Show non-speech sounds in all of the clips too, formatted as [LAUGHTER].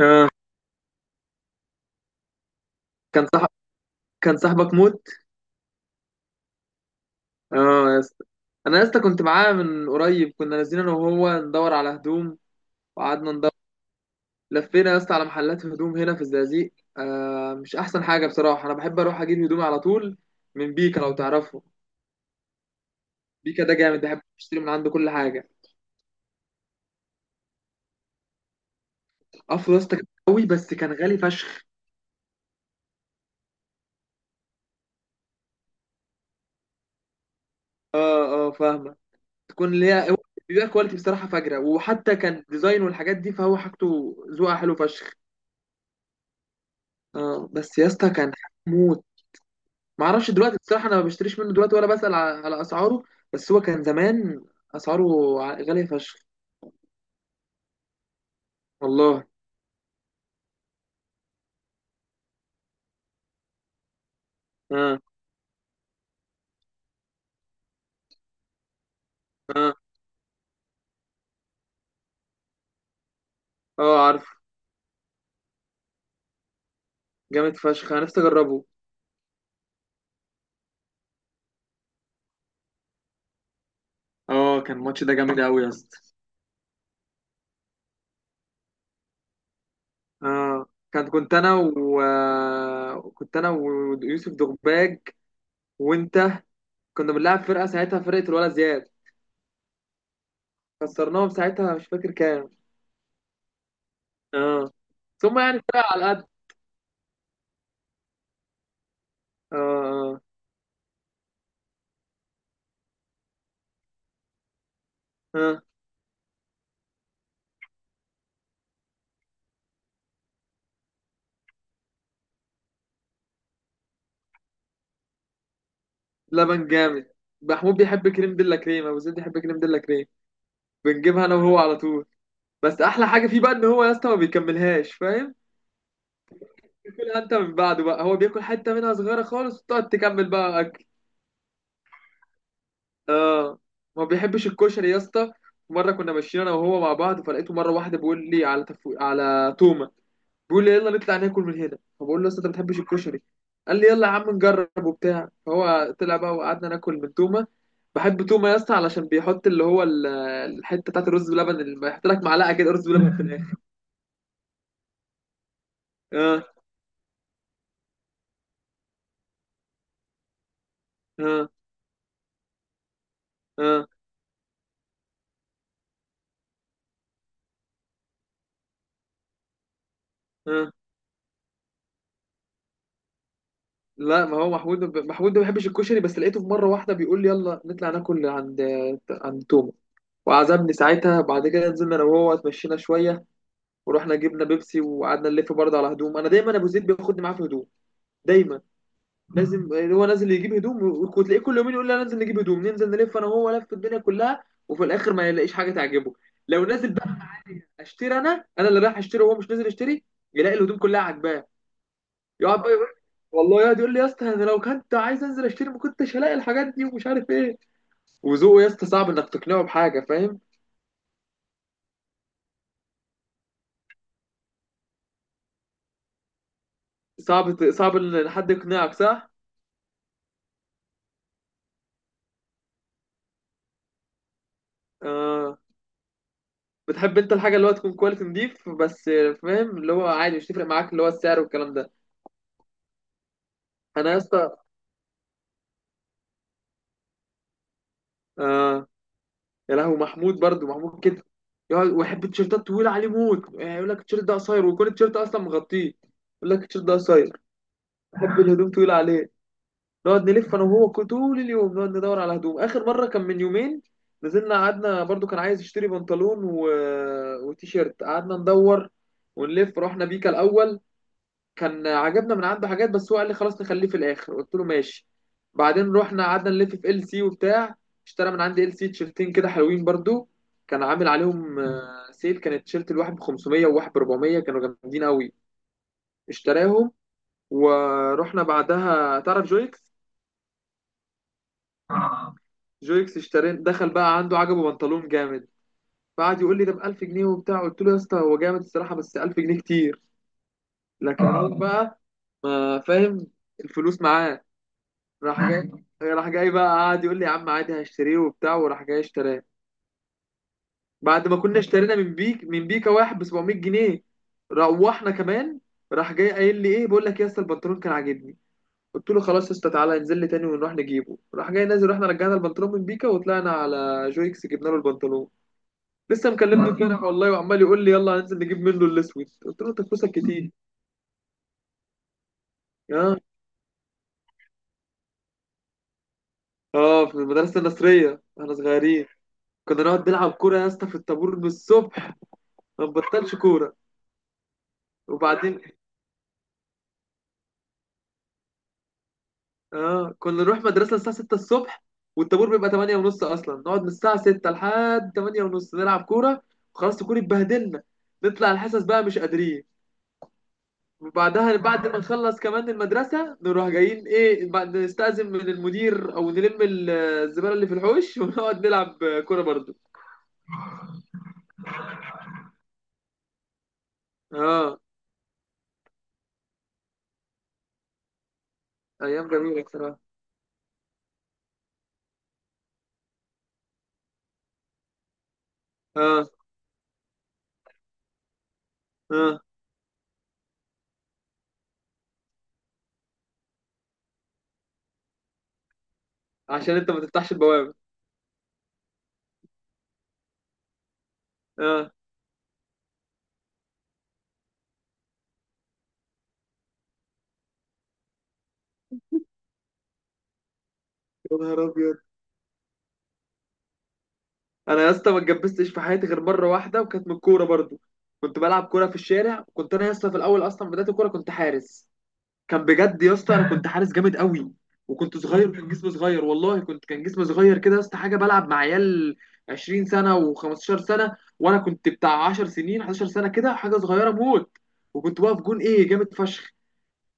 اه. كان صاحب كان صاحبك موت. اه يا اسطى، انا يا اسطى كنت معاه من قريب. كنا نازلين انا وهو ندور على هدوم وقعدنا ندور. لفينا يا اسطى على محلات هدوم هنا في الزقازيق. مش احسن حاجه بصراحه. انا بحب اروح اجيب هدومي على طول من بيكا، لو تعرفه. بيكا ده جامد، بحب اشتري من عنده كل حاجه. افرو يا اسطى كان قوي بس كان غالي فشخ. اه اه فاهمه. تكون ليها. بيبقى كواليتي بصراحه فجره، وحتى كان ديزاين والحاجات دي، فهو حاجته ذوقها حلو فشخ. اه بس يا اسطى كان موت. ما اعرفش دلوقتي بصراحه، انا ما بشتريش منه دلوقتي ولا بسال على اسعاره. بس هو كان زمان اسعاره غاليه فشخ. والله. اه. اه. اه عارف. جامد فشخ، انا نفسي اجربه. اه كان الماتش ده جامد قوي يا اسطى. اه. كان كنت انا و آه، كنت انا ويوسف دغباج وانت. كنا بنلعب فرقه ساعتها، فرقه الولد زياد. خسرناهم ساعتها، مش فاكر كام. اه ثم يعني فرقه على قد. اه. اه. اه لبن جامد. محمود بيحب كريم ديلا كريم، ابو زيد بيحب كريم ديلا كريم. بنجيبها انا وهو على طول. بس احلى حاجه فيه بقى ان هو يا اسطى ما بيكملهاش، فاهم. بتاكلها انت من بعده بقى، هو بياكل حته منها صغيره خالص وتقعد تكمل بقى اكل. اه. ما بيحبش الكشري يا اسطى. مره كنا ماشيين انا وهو مع بعض فلقيته مره واحده بيقول لي على على تومه. بيقول لي يلا نطلع ناكل من هنا، فبقول له يا اسطى انت ما بتحبش الكشري. قال لي يلا يا عم نجرب وبتاع، فهو طلع بقى وقعدنا ناكل من تومه. بحب تومه يا اسطى علشان بيحط اللي هو الحته بتاعت الرز بلبن، اللي بيحط لك معلقه كده رز بلبن في الاخر. اه. اه. اه. اه لا، ما هو محمود محمود ده ما بيحبش الكشري، بس لقيته في مره واحده بيقول لي يلا نطلع ناكل عند تومه وعزمني ساعتها. بعد كده نزلنا انا وهو اتمشينا شويه ورحنا جبنا بيبسي وقعدنا نلف برضه على هدوم. انا دايما ابو زيد بياخدني معاه في هدوم، دايما. لازم هو نازل يجيب هدوم. وتلاقيه كل يومين يقول لي أنا نازل نجيب هدوم، ننزل نلف انا وهو لف الدنيا كلها وفي الاخر ما يلاقيش حاجه تعجبه. لو نازل بقى اشتري، انا اللي رايح اشتري، وهو مش نازل يشتري. يلاقي الهدوم كلها عاجباه. يقعد بقى يقول، والله يقعد يقول لي يا اسطى انا لو كنت عايز انزل اشتري ما كنتش هلاقي الحاجات دي ومش عارف ايه. وذوقه يا اسطى صعب انك تقنعه بحاجه، فاهم. صعب ان حد يقنعك، صح. آه. بتحب انت الحاجه اللي هو تكون كواليتي نضيف بس. فاهم، اللي هو عادي مش تفرق معاك اللي هو السعر والكلام ده. انا يا اسطى. آه. يا لهو محمود برضو، محمود كده يقعد ويحب التيشيرتات طويله عليه موت. يعني يقول لك التيشيرت ده قصير ويكون التيشيرت اصلا مغطيه، يقول لك التيشيرت ده قصير. بحب الهدوم طويله عليه. نقعد نلف انا وهو طول اليوم، نقعد ندور على هدوم. اخر مره كان من يومين، نزلنا قعدنا برضو. كان عايز يشتري بنطلون وتيشيرت. قعدنا ندور ونلف، رحنا بيكا الاول. كان عجبنا من عنده حاجات بس هو قال لي خلاص نخليه في الاخر، قلت له ماشي. بعدين رحنا قعدنا نلف في ال سي وبتاع. اشترى من عندي ال سي تيشرتين كده حلوين برضو، كان عامل عليهم سيل. كان التيشيرت الواحد ب 500 وواحد ب 400، كانوا جامدين قوي، اشتراهم. ورحنا بعدها، تعرف جويكس. جويكس اشترين دخل بقى عنده، عجبه بنطلون جامد. فقعد يقول لي ده ب 1000 جنيه وبتاع، قلت له يا اسطى هو جامد الصراحه بس 1000 جنيه كتير. لكن هو بقى ما فاهم، الفلوس معاه. راح جاي. [LAUGHS] راح جاي بقى قعد يقول لي يا عم عادي هشتريه وبتاع وراح جاي اشتراه. بعد ما كنا اشترينا من بيكا واحد ب 700 جنيه. روحنا كمان، راح جاي قايل لي ايه، بقول لك يا اسطى البنطلون كان عاجبني. قلت له خلاص يا اسطى تعالى انزل لي تاني ونروح نجيبه. راح جاي نازل، رحنا رجعنا البنطلون من بيكا وطلعنا على جويكس جبنا له البنطلون. لسه مكلمني امبارح والله وعمال يقول لي يلا هننزل نجيب منه الاسود، قلت له انت فلوسك كتير. ها. [LAUGHS] اه في المدرسه النصريه احنا صغيرين، كنا نقعد نلعب كوره يا اسطى في الطابور من الصبح. ما نبطلش كوره. وبعدين اه كنا نروح مدرسه الساعه 6 الصبح، والطابور بيبقى 8 ونص اصلا، نقعد من الساعه 6 لحد 8 ونص نلعب كوره. وخلاص الكوره اتبهدلنا، نطلع الحصص بقى مش قادرين. وبعدها بعد ما نخلص كمان المدرسة نروح جايين ايه، بعد نستأذن من المدير او نلم الزبالة اللي في الحوش [LAUGHS] ونقعد نلعب كورة برضو. اه. ايام جميلة بصراحة. اه. اه عشان انت ما تفتحش البوابة. اه يا نهار ابيض. انا يا اسطى ما اتجبستش في حياتي غير مرة واحدة، وكانت من الكورة برضو. كنت بلعب كورة في الشارع. كنت انا يا اسطى في الاول اصلا بداية الكورة كنت حارس. كان بجد يا اسطى، انا كنت حارس جامد قوي. وكنت صغير وكان جسمي صغير، والله كنت كان جسمي صغير كده يا اسطى حاجه، بلعب مع عيال 20 سنه و15 سنه وانا كنت بتاع 10 سنين 11 سنه كده حاجه صغيره موت. وكنت واقف جون ايه جامد فشخ.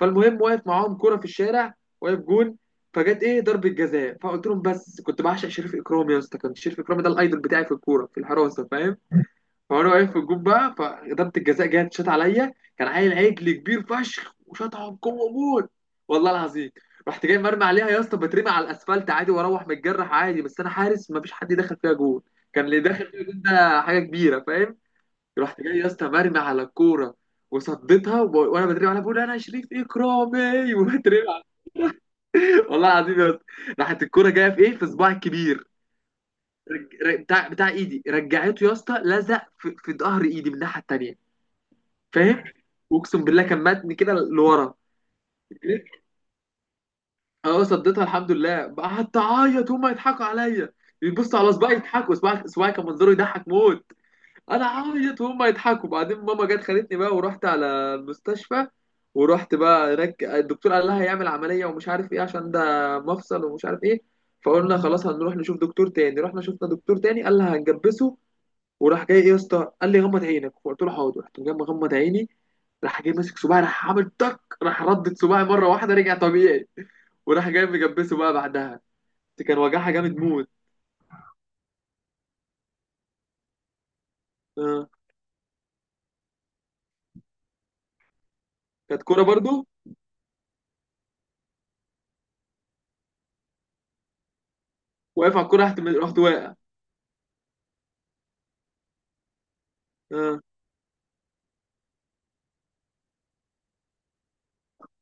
فالمهم واقف معاهم كوره في الشارع، واقف جون. فجت ايه ضربه جزاء، فقلت لهم. بس كنت بعشق شريف اكرامي يا اسطى، كان شريف اكرامي ده الايدول بتاعي في الكوره في الحراسه، فاهم. فانا واقف في الجون بقى، فضربة الجزاء جت شاط عليا. كان عيل عجل كبير فشخ وشاطها بقوه موت، والله العظيم. رحت جاي مرمي عليها يا اسطى، بترمي على الاسفلت عادي واروح متجرح عادي، بس انا حارس ما فيش حد دخل فيها جول. كان اللي داخل فيها جول ده حاجه كبيره، فاهم. رحت جاي يا اسطى مرمي على الكوره وصديتها، وانا بترمي عليها بقول انا شريف اكرامي [LAUGHS] وبترمي عليها. والله العظيم يا اسطى، راحت الكوره جايه في ايه، في صباعي الكبير. بتاع ايدي رجعته يا اسطى، لزق في ظهر ايدي من الناحيه التانيه، فاهم. واقسم بالله كان ماتني كده لورا. اه صديتها الحمد لله. قعدت اعيط هما يضحكوا عليا، يبصوا على صباعي يضحكوا، صباعي كان منظره يضحك موت. انا اعيط وهما يضحكوا، بعدين ماما جت خدتني بقى ورحت على المستشفى. ورحت بقى هناك الدكتور قال لها هيعمل عمليه ومش عارف ايه عشان ده مفصل ومش عارف ايه. فقلنا خلاص هنروح نشوف دكتور تاني، رحنا شفنا دكتور تاني قال لها هنجبسه. وراح جاي ايه يا اسطى قال لي غمض عينك، فقلت له حاضر. رحت جاي مغمض عيني، راح جاي ماسك صباعي، راح عامل تك، راح ردت صباعي مره واحده رجع طبيعي. وراح جاي مجبسه بقى بعدها. دي كان وجعها جامد موت. آه. كانت كوره برضو. واقف على الكوره رحت واقع. آه.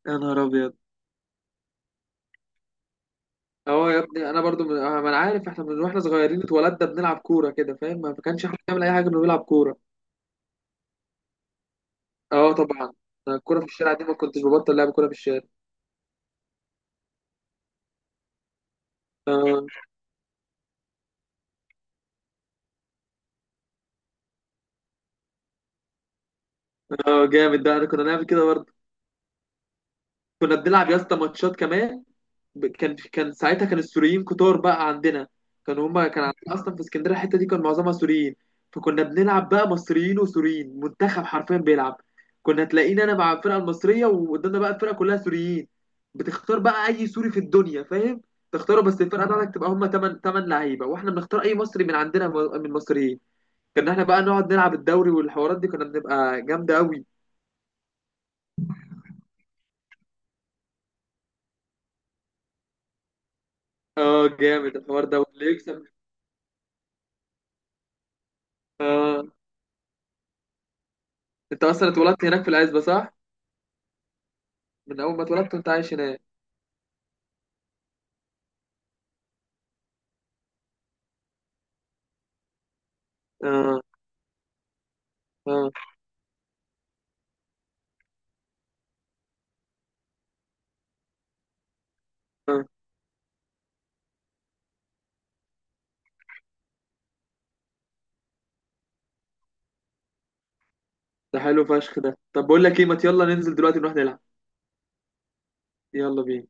يا نهار ابيض. اه يا ابني انا برضو من... آه، ما انا عارف، احنا من واحنا صغيرين اتولدنا بنلعب كوره كده، فاهم. ما كانش احنا بنعمل اي حاجه غير بنلعب كوره. اه طبعا. أنا الكوره في الشارع دي ما كنتش ببطل لعب كوره في الشارع. اه. اه جامد ده، انا كنا نعمل كده برضه. كنا بنلعب يا اسطى ماتشات كمان. كان ساعتها كان السوريين كتار بقى عندنا. كانوا هما كان عندنا اصلا في اسكندريه الحته دي كان معظمها سوريين. فكنا بنلعب بقى مصريين وسوريين، منتخب حرفيا بيلعب. كنا تلاقينا انا مع الفرقه المصريه وقدامنا بقى الفرقه كلها سوريين. بتختار بقى اي سوري في الدنيا فاهم، تختاره بس الفرقه بتاعتك تبقى هما 8 8 لعيبه، واحنا بنختار اي مصري من عندنا من المصريين. كنا احنا بقى نقعد نلعب الدوري والحوارات دي، كنا بنبقى جامده قوي. اه جامد الحوار ده واللي يكسب. اه انت اصلا اتولدت هناك في العزبه، صح. من اول ما اتولدت وانت عايش هناك. اه. اه. اه ده حلو فشخ ده. طب بقول لك ايه، ما يلا ننزل دلوقتي نروح نلعب. يلا بينا.